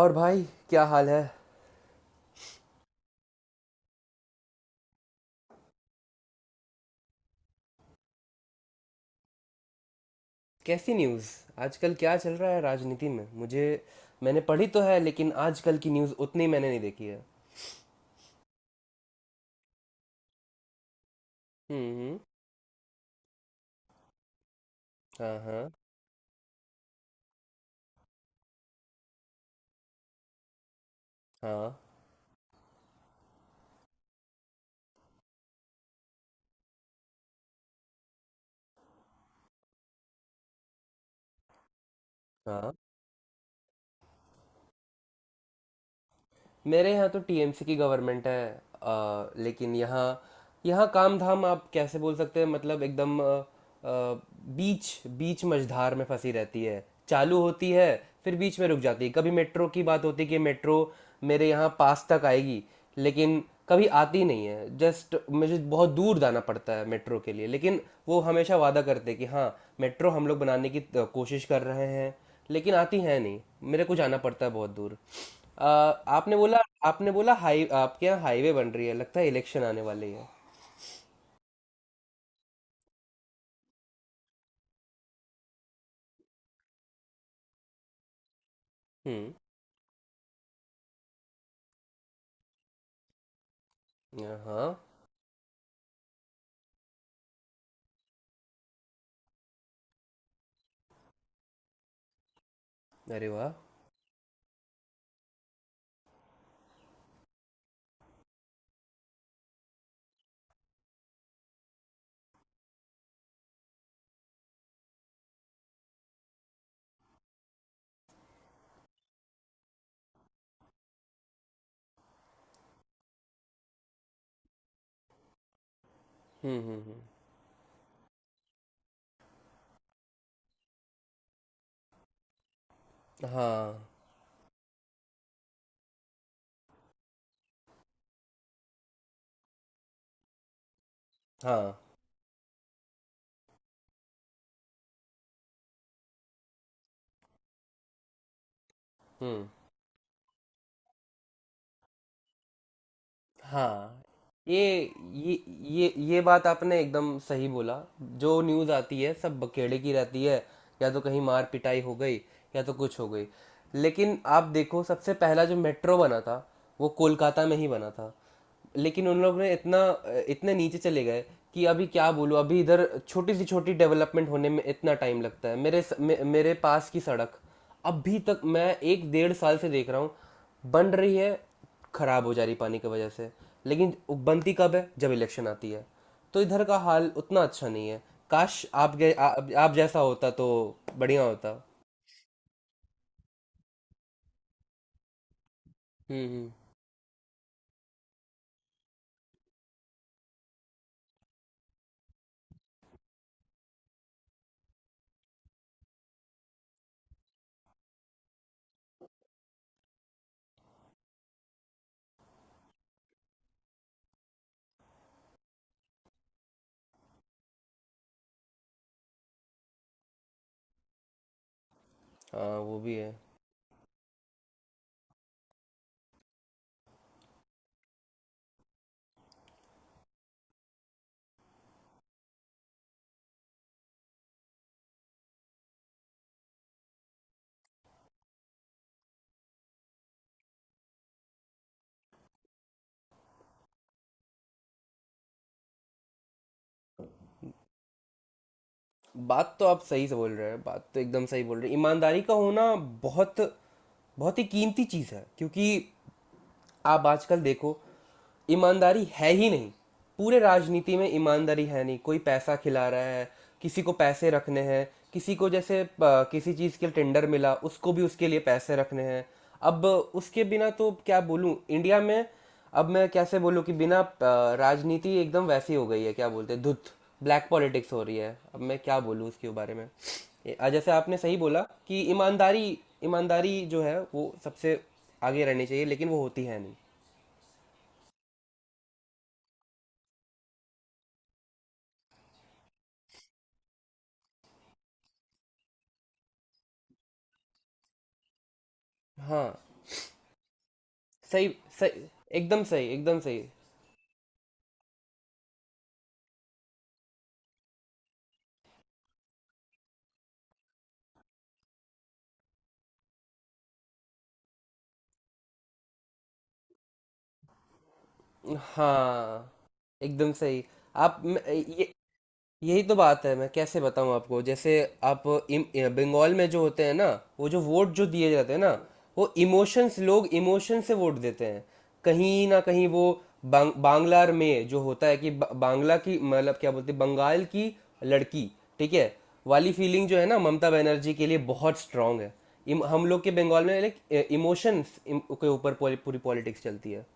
और भाई, क्या हाल है। कैसी न्यूज़? आजकल क्या चल रहा है राजनीति में? मुझे, मैंने पढ़ी तो है लेकिन आजकल की न्यूज़ उतनी मैंने नहीं देखी है। हम्म हम्म। हाँ, हाँ, हाँ, हाँ। मेरे यहाँ तो टीएमसी की गवर्नमेंट है, लेकिन यहाँ यहाँ काम धाम आप कैसे बोल सकते हैं? मतलब एकदम बीच बीच मझधार में फंसी रहती है, चालू होती है, फिर बीच में रुक जाती है। कभी मेट्रो की बात होती है कि मेट्रो मेरे यहाँ पास तक आएगी, लेकिन कभी आती नहीं है। जस्ट मुझे बहुत दूर जाना पड़ता है मेट्रो के लिए। लेकिन वो हमेशा वादा करते हैं कि हाँ, मेट्रो हम लोग बनाने की कोशिश कर रहे हैं, लेकिन आती है नहीं। मेरे को जाना पड़ता है बहुत दूर। अ, आपने बोला आपने बोला हाई आपके यहाँ हाईवे बन रही है, लगता है इलेक्शन आने वाली है। हुँ, हाँ, अरे वाह! हुँ, हुँ, हुँ, हाँ, हाँ, हुँ। हाँ। ये ये ये बात आपने एकदम सही बोला। जो न्यूज़ आती है सब बकेड़े की रहती है। या तो कहीं मार पिटाई हो गई, या तो कुछ हो गई। लेकिन आप देखो, सबसे पहला जो मेट्रो बना था वो कोलकाता में ही बना था। लेकिन उन लोग ने इतना इतने नीचे चले गए कि अभी क्या बोलूँ, अभी इधर छोटी सी छोटी डेवलपमेंट होने में इतना टाइम लगता है। मेरे पास की सड़क अभी तक मैं एक डेढ़ साल से देख रहा हूँ, बन रही है, खराब हो जा रही पानी की वजह से। लेकिन बनती कब है? जब इलेक्शन आती है। तो इधर का हाल उतना अच्छा नहीं है। काश आप जैसा होता तो बढ़िया होता। हम्म हम्म, हाँ, वो भी है। बात तो आप सही से बोल रहे हैं, बात तो एकदम सही बोल रहे हैं। ईमानदारी का होना बहुत बहुत ही कीमती चीज़ है, क्योंकि आप आजकल देखो, ईमानदारी है ही नहीं। पूरे राजनीति में ईमानदारी है नहीं, कोई पैसा खिला रहा है। किसी को पैसे रखने हैं, किसी को जैसे किसी चीज़ के लिए टेंडर मिला उसको भी उसके लिए पैसे रखने हैं। अब उसके बिना तो क्या बोलूँ इंडिया में। अब मैं कैसे बोलूँ कि बिना राजनीति एकदम वैसी हो गई है, क्या बोलते हैं, धुत। ब्लैक पॉलिटिक्स हो रही है, अब मैं क्या बोलूँ उसके बारे में। जैसे आपने सही बोला कि ईमानदारी, ईमानदारी जो है वो सबसे आगे रहनी चाहिए, लेकिन वो होती है नहीं। हाँ, सही, सही, एकदम सही, एकदम सही। हाँ, एकदम सही। आप म- ये यही तो बात है, मैं कैसे बताऊं आपको, जैसे आप बंगाल में जो होते हैं ना, वो जो वोट जो दिए जाते हैं ना, वो इमोशंस, लोग इमोशन से वोट देते हैं। कहीं ना कहीं वो बांग्ला में जो होता है कि बांग्ला की, मतलब क्या बोलते हैं, बंगाल की लड़की, ठीक है, वाली फीलिंग जो है ना, ममता बनर्जी के लिए बहुत स्ट्रांग है। हम लोग के बंगाल में लाइक इमोशंस के ऊपर पूरी पॉलिटिक्स चलती है।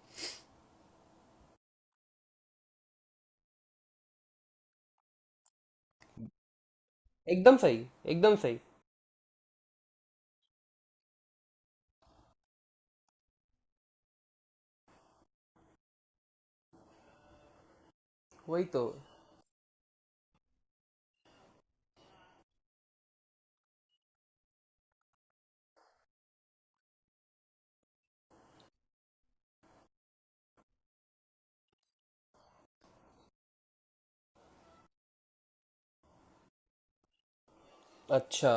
एकदम सही, एकदम सही, वही तो। अच्छा,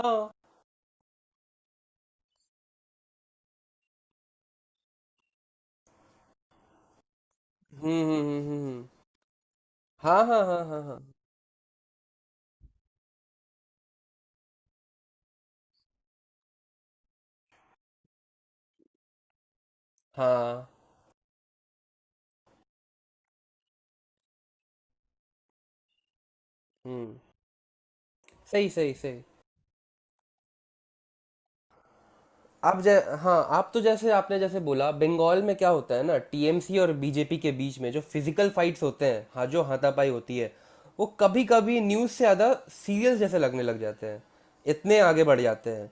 हाँ। हम्म हम्म हम्म हम्म हम्म। हाँ हाँ हाँ हाँ हाँ। हाँ। हम्म। सही, सही, सही। आप जै हाँ, आप तो जैसे आपने जैसे बोला, बंगाल में क्या होता है ना, टीएमसी और बीजेपी के बीच में जो फिजिकल फाइट्स होते हैं, हाँ, जो हाथापाई होती है, वो कभी कभी न्यूज़ से ज़्यादा सीरियस जैसे लगने लग जाते हैं, इतने आगे बढ़ जाते हैं।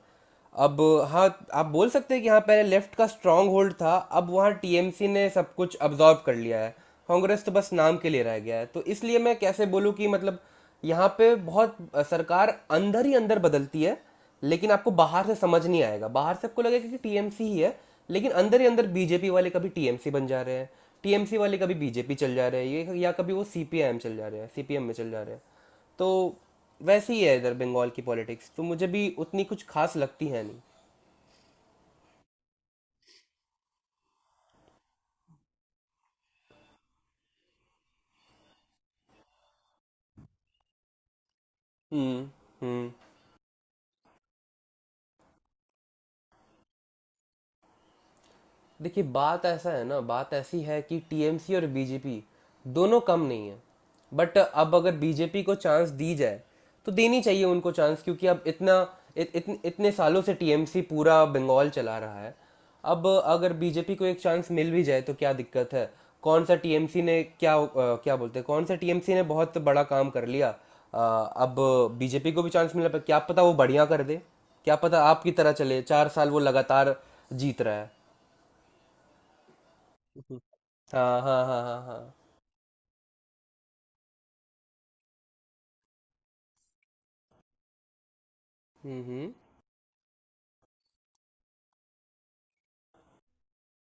अब हाँ, आप बोल सकते हैं कि हाँ, पहले लेफ्ट का स्ट्रांग होल्ड था, अब वहाँ टीएमसी ने सब कुछ अब्जॉर्व कर लिया है। कांग्रेस तो बस नाम के लिए रह गया है, तो इसलिए मैं कैसे बोलूँ कि मतलब, यहाँ पे बहुत सरकार अंदर ही अंदर बदलती है। लेकिन आपको बाहर से समझ नहीं आएगा, बाहर से आपको लगेगा कि टीएमसी ही है। लेकिन अंदर ही अंदर बीजेपी वाले कभी टीएमसी बन जा रहे हैं, टीएमसी वाले कभी बीजेपी चल जा रहे हैं, ये या कभी वो सीपीआईएम चल जा रहे हैं, सीपीएम में चल जा रहे हैं। तो वैसे ही है इधर बंगाल की पॉलिटिक्स, तो मुझे भी उतनी कुछ खास लगती है नहीं। हम्म हम्म। देखिए, बात ऐसी है कि टीएमसी और बीजेपी दोनों कम नहीं है। बट अब अगर बीजेपी को चांस दी जाए तो देनी चाहिए उनको चांस, क्योंकि अब इतने सालों से टीएमसी पूरा बंगाल चला रहा है। अब अगर बीजेपी को एक चांस मिल भी जाए तो क्या दिक्कत है? कौन सा टीएमसी ने क्या अ, क्या बोलते हैं, कौन सा टीएमसी ने बहुत बड़ा काम कर लिया। अ, अब बीजेपी को भी चांस मिला, पर क्या पता वो बढ़िया कर दे, क्या पता आपकी तरह चले 4 साल वो लगातार जीत रहा है। हुँ। हाँ, हाँ, हाँ, हाँ, हाँ। हुँ, हुँ।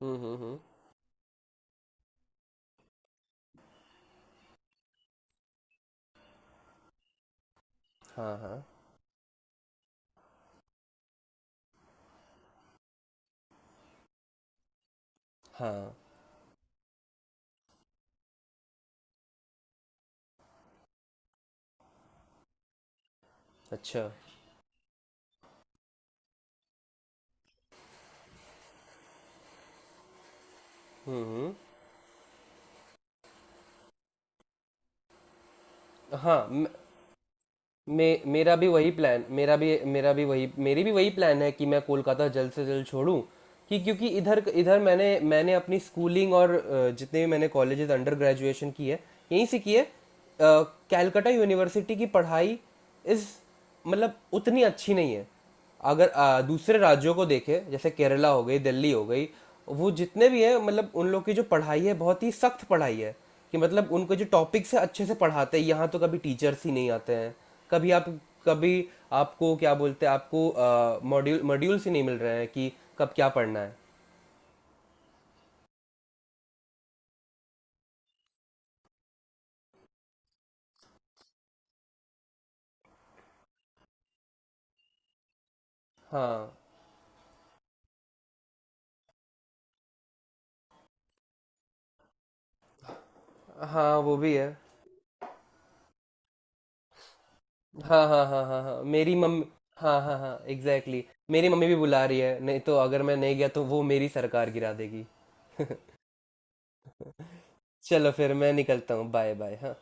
हुँ, हुँ, हुँ। हाँ, हाँ। हाँ। अच्छा। हुँ, हुँ। हाँ, म मे मेरा भी वही प्लान, मेरा भी। मेरा भी वही मेरी भी वही प्लान है कि मैं कोलकाता जल्द से जल्द छोड़ूँ। कि क्योंकि इधर इधर मैंने मैंने अपनी स्कूलिंग और जितने भी मैंने कॉलेजेस अंडर ग्रेजुएशन की है, यहीं से की है। कलकत्ता यूनिवर्सिटी की पढ़ाई इज़, मतलब, उतनी अच्छी नहीं है। अगर दूसरे राज्यों को देखें, जैसे केरला हो गई, दिल्ली हो गई, वो जितने भी हैं, मतलब उन लोग की जो पढ़ाई है बहुत ही सख्त पढ़ाई है, कि मतलब उनको जो टॉपिक्स है अच्छे से पढ़ाते हैं। यहाँ तो कभी टीचर्स ही नहीं आते हैं। कभी आप कभी आपको क्या बोलते हैं, आपको मॉड्यूल्स ही नहीं मिल रहे हैं कि कब क्या पढ़ना है। हाँ, हाँ, वो भी है। हाँ, हाँ, हाँ, हाँ, हाँ, मेरी मम्मी, हाँ, हाँ, हाँ, एग्जैक्टली। मेरी मम्मी भी बुला रही है, नहीं तो अगर मैं नहीं गया तो वो मेरी सरकार गिरा देगी। चलो, फिर मैं निकलता हूँ, बाय बाय, हाँ।